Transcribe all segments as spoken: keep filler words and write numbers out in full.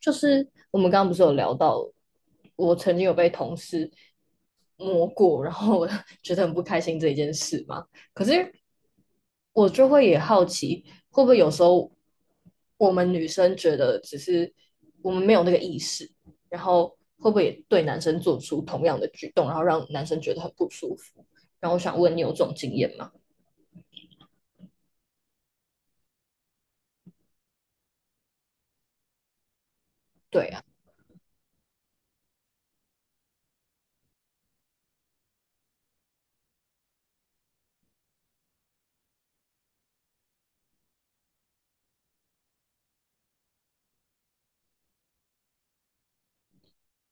就是我们刚刚不是有聊到，我曾经有被同事摸过，然后我 觉得很不开心这一件事吗？可是我就会也好奇，会不会有时候我们女生觉得只是我们没有那个意识，然后会不会也对男生做出同样的举动，然后让男生觉得很不舒服？然后我想问你有这种经验吗？对啊。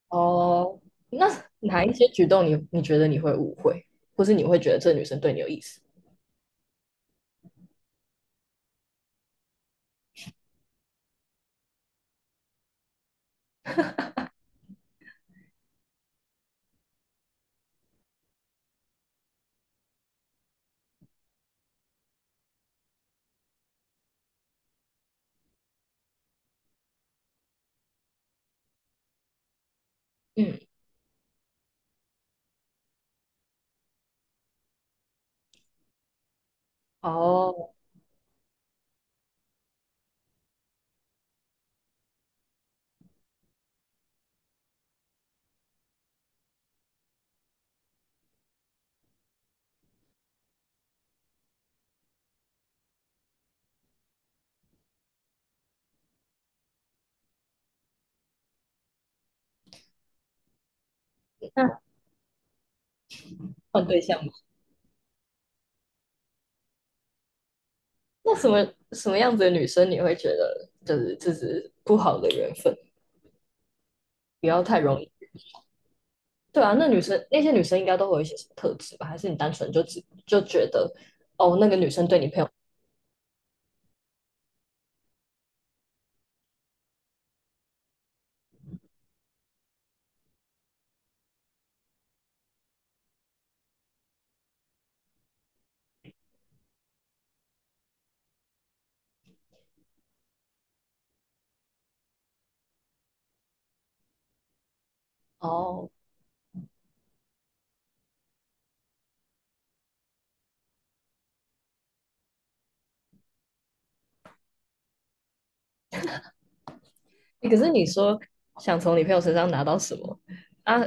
哦，那哪一些举动你你觉得你会误会，或是你会觉得这女生对你有意思？嗯。哦，那换对象吗？那什么什么样子的女生你会觉得就是这是不好的缘分，不要太容易？对啊，那女生那些女生应该都会有一些什么特质吧？还是你单纯就只就觉得哦，那个女生对你朋友。哦？欸可是你说想从你朋友身上拿到什么啊？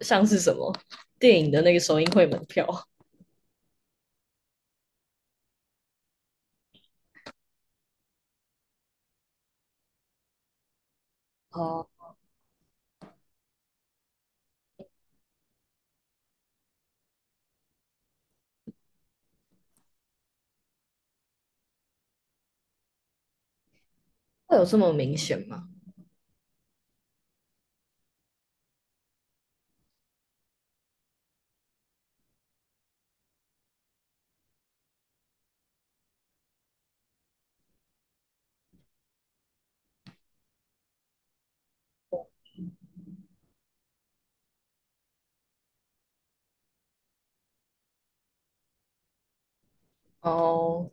像是什么电影的那个首映会门票。哦，会有这么明显吗？哦。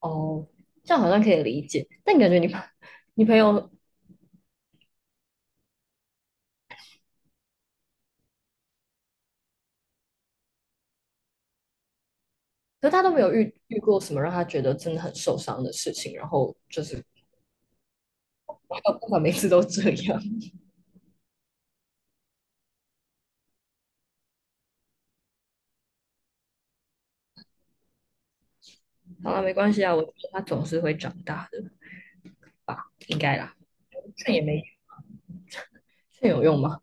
哦，这样好像可以理解，但感觉你朋 你朋友可是他都没有遇遇过什么让他觉得真的很受伤的事情，然后就是我还有办法每次都这样。好了，没关系啊，我觉得他总是会长大的吧，应该啦。劝也没劝有用吗？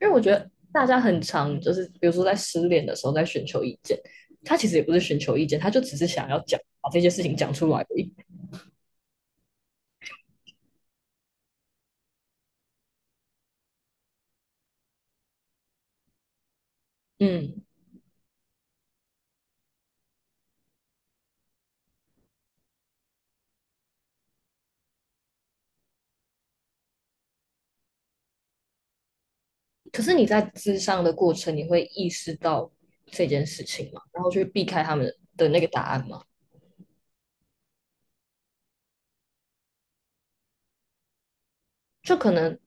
因为我觉得大家很常就是，比如说在失恋的时候在寻求意见，他其实也不是寻求意见，他就只是想要讲把这些事情讲出来而已。嗯。可是你在咨商的过程，你会意识到这件事情吗？然后去避开他们的那个答案吗？就可能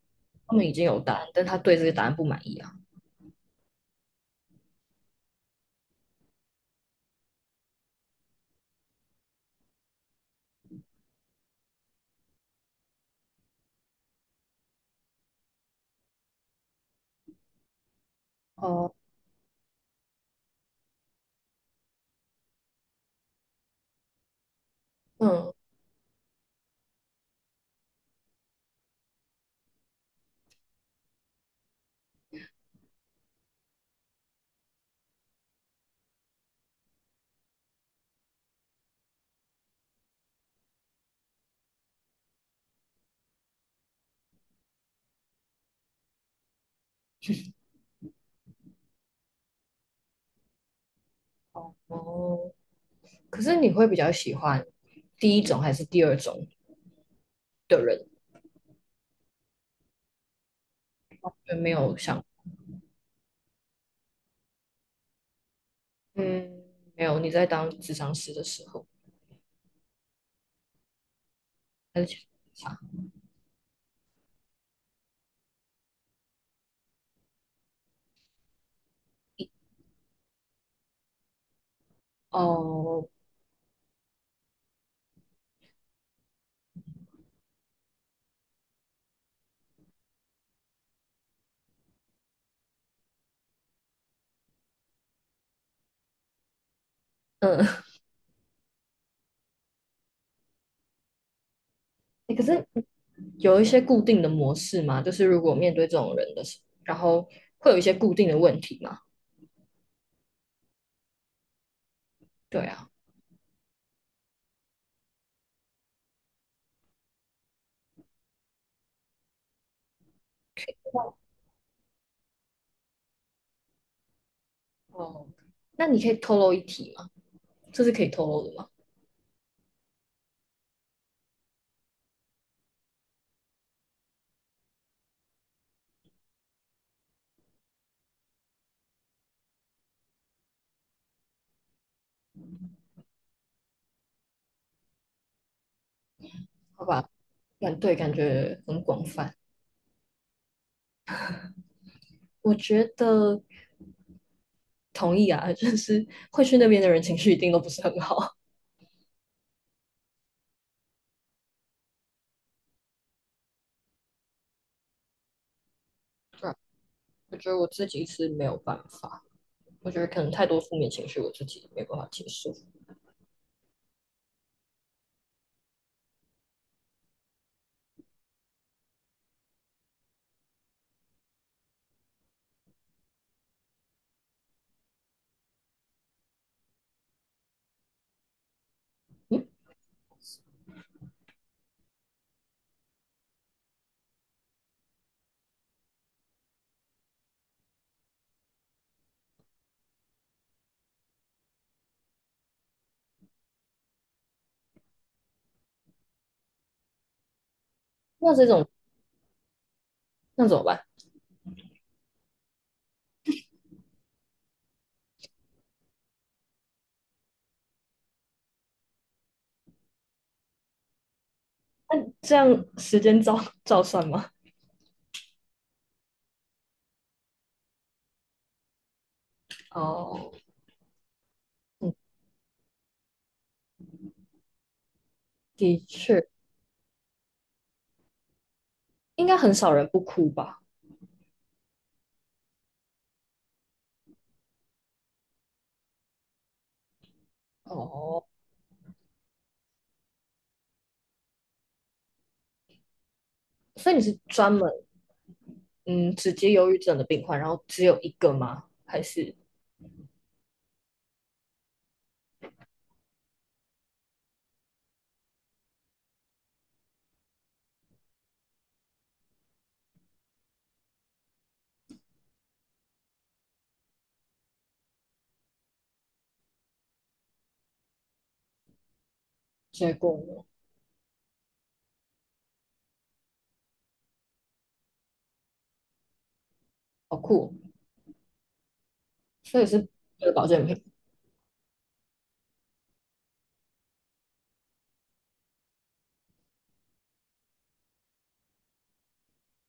他们已经有答案，但他对这个答案不满意啊。哦。嗯。哦，可是你会比较喜欢第一种还是第二种的人？就没有想。嗯。没有，你在当智商师的时候，还是其实差。哦。嗯。欸可是有一些固定的模式吗？就是如果面对这种人的时候，然后会有一些固定的问题吗？对啊。哦，那你可以透露一题吗？这是可以透露的吗？好吧，感对，感觉很广泛。我觉得同意啊，就是会去那边的人情绪一定都不是很好。对啊，我觉得我自己是没有办法，我觉得可能太多负面情绪，我自己没办法接受。那这种那怎么办？那这样时间照照算吗？哦。嗯。的确应该很少人不哭吧？哦，所以你是专门嗯只接忧郁症的病患，然后只有一个吗？还是结果呢？好酷哦，所以是为了保健品。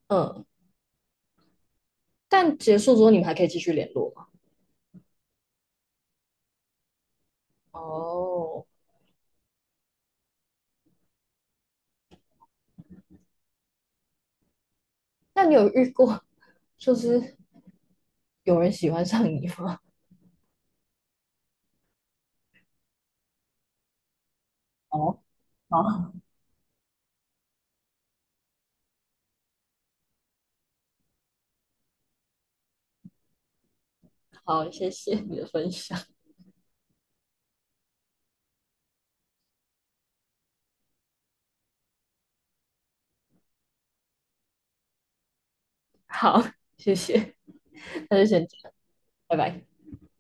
嗯。但结束之后你们还可以继续联络吗？哦，那你有遇过就是有人喜欢上你吗？哦。好。好，谢谢你的分享。好，谢谢，那就先这样，拜拜。